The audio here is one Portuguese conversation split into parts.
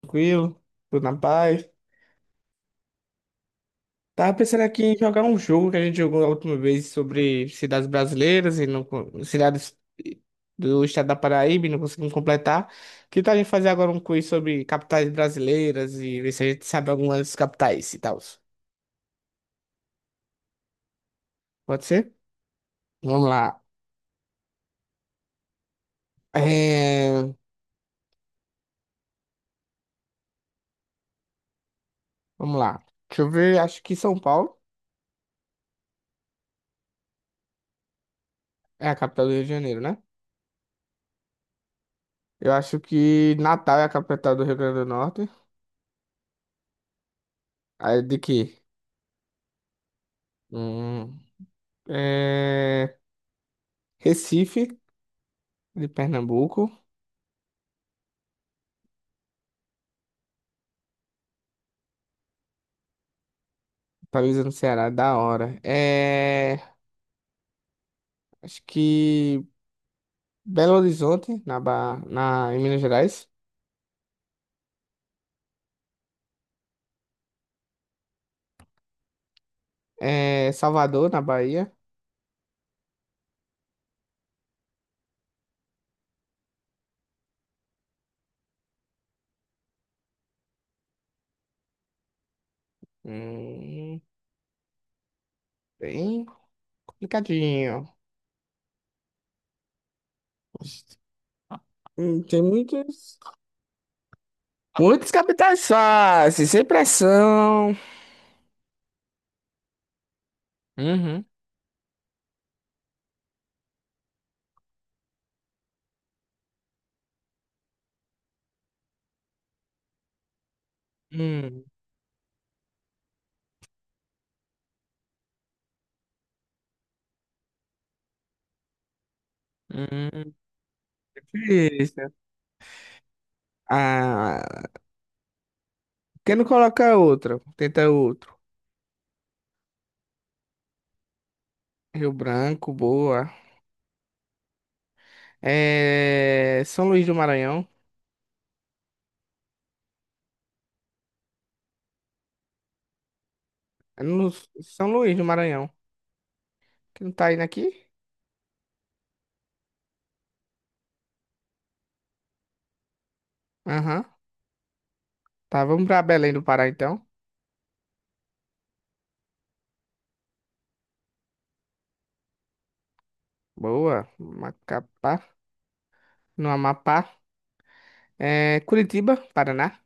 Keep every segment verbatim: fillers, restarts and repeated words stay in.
Tranquilo, tudo na paz. Tava pensando aqui em jogar um jogo que a gente jogou a última vez sobre cidades brasileiras e não, con- cidades do estado da Paraíba, e não conseguimos completar. Que tal a gente fazer agora um quiz sobre capitais brasileiras e ver se a gente sabe algumas capitais e tal? Pode ser? Vamos lá. É, vamos lá. Deixa eu ver, acho que São Paulo é a capital do Rio de Janeiro, né? Eu acho que Natal é a capital do Rio Grande do Norte. Aí de quê? Hum, é, Recife, de Pernambuco. Talvez no Ceará, da hora. É, acho que Belo Horizonte, na, ba... na... em Minas Gerais. É, Salvador, na Bahia. Hum, bem complicadinho. Hum, Tem muitos. Muitos capitais fáceis, sem pressão. Uhum. Hum. Hum. Difícil. Ah, por que não coloca outro? Tenta outro. Rio Branco, boa. É... São Luís do Maranhão. É no São Luís do Maranhão. Que não tá indo aqui? Aham. Tá, vamos pra Belém do Pará então. Boa. Macapá. No Amapá. É... Curitiba, Paraná.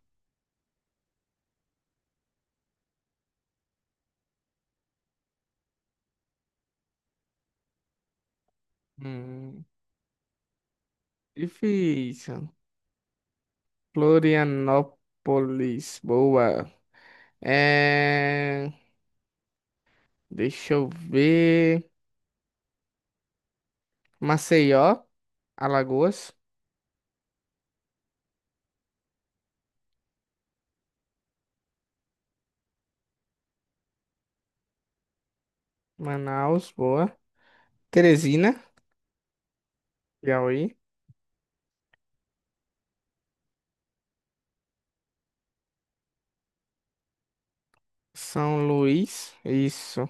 Hum, difícil. Florianópolis. Boa. É... Deixa eu ver. Maceió, Alagoas. Manaus, boa. Teresina, Piauí. São Luís. Isso.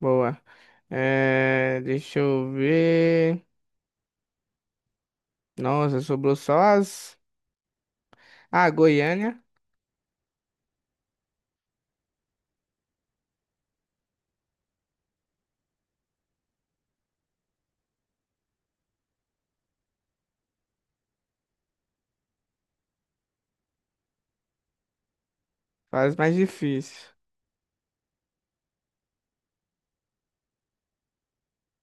Boa. É, deixa eu ver. Nossa, sobrou só as. Ah, Goiânia. Faz mais difícil.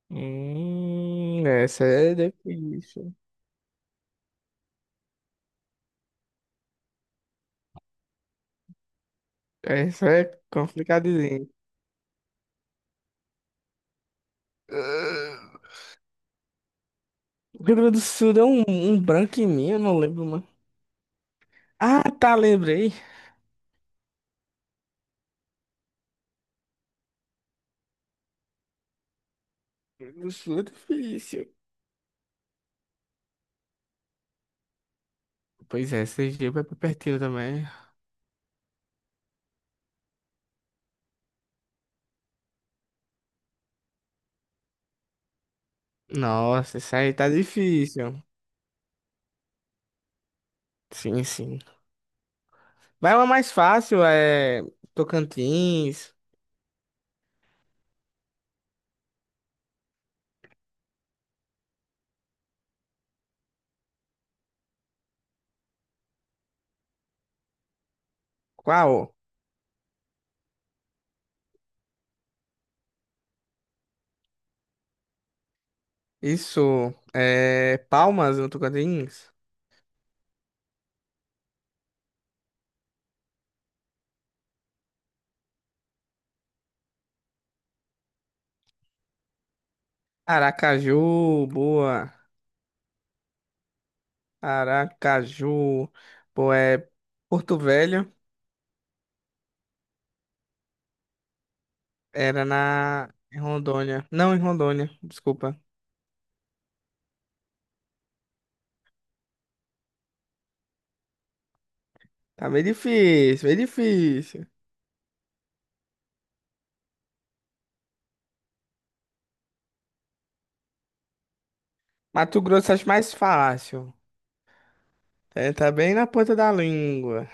Hum, essa é difícil. Essa é complicadinha. Ah, o Rio Grande do Sul é um, um branco em mim, eu não lembro, mano. Ah, tá, lembrei. Rio Grande do Sul é difícil. Pois é, Sergipe é pertinho também. Nossa, isso aí tá difícil. Sim, sim. Vai uma mais fácil, é Tocantins. Qual? Isso, é Palmas, Tocantins. Aracaju, boa. Aracaju, boa, é Porto Velho, era na em Rondônia. Não, em Rondônia, desculpa. Tá meio difícil, meio difícil. Mato Grosso acho mais fácil. É, tá bem na ponta da língua.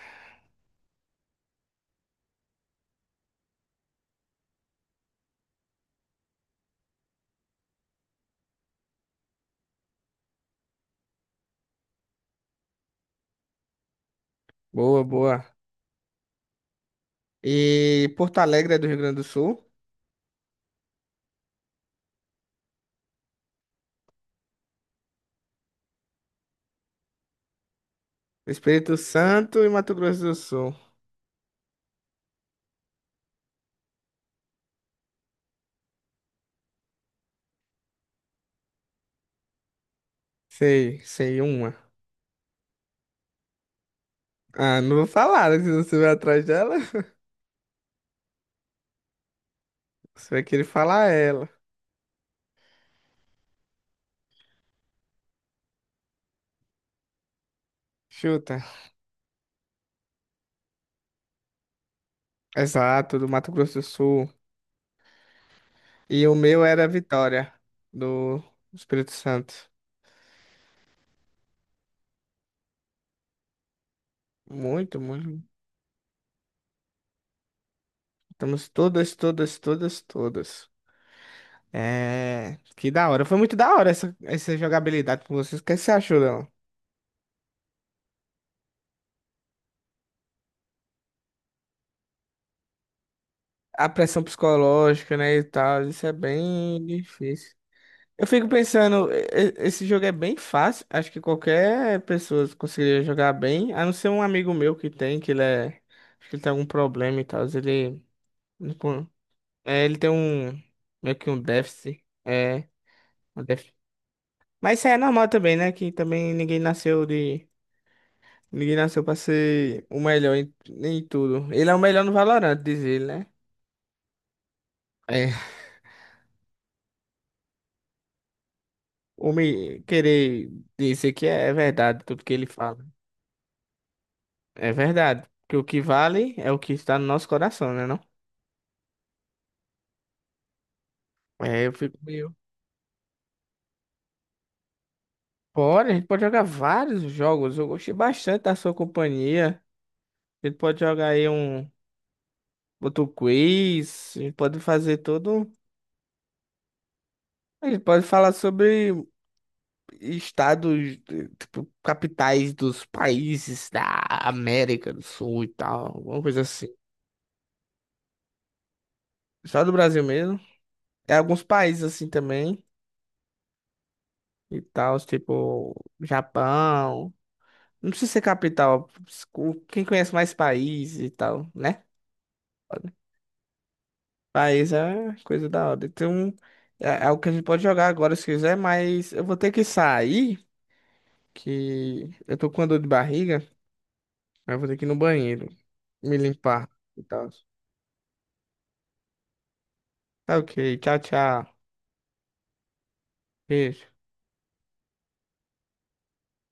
Boa, boa. E Porto Alegre é do Rio Grande do Sul, Espírito Santo e Mato Grosso do Sul. Sei, sei uma. Ah, não vou falar, né, que se você vai atrás dela. Você vai querer falar ela. Chuta. Exato, do Mato Grosso do Sul. E o meu era Vitória, do Espírito Santo. Muito, muito. Estamos todas, todas, todas, todas. É. Que da hora. Foi muito da hora essa, essa jogabilidade com vocês. O que você achou dela? A pressão psicológica, né, e tal. Isso é bem difícil. Eu fico pensando, e- e- esse jogo é bem fácil. Acho que qualquer pessoa conseguiria jogar bem, a não ser um amigo meu que tem, que ele é. Acho que ele tem algum problema e tal. Ele. Não con- É, ele tem um. Meio que um déficit. É, um déficit. Mas isso aí é normal também, né? Que também ninguém nasceu de. Ninguém nasceu pra ser o melhor em, em tudo. Ele é o melhor no Valorant, diz ele, né? É. O me querer dizer que é verdade tudo que ele fala. É verdade. Porque o que vale é o que está no nosso coração, né, não? É, eu fico meio. Bora, a gente pode jogar vários jogos. Eu gostei bastante da sua companhia. A gente pode jogar aí um outro quiz. A gente pode fazer todo. A gente pode falar sobre estados, eh, tipo, capitais dos países da América do Sul e tal. Alguma coisa assim. Só do Brasil mesmo. É alguns países assim também. E tal, tipo, Japão. Não precisa ser capital. com- Quem conhece mais país e tal, né? País é coisa da hora. Então, é é o que a gente pode jogar agora se quiser, mas eu vou ter que sair, que eu tô com uma dor de barriga. Aí eu vou ter que ir no banheiro, me limpar e tal. Tá ok, tchau, tchau. Beijo.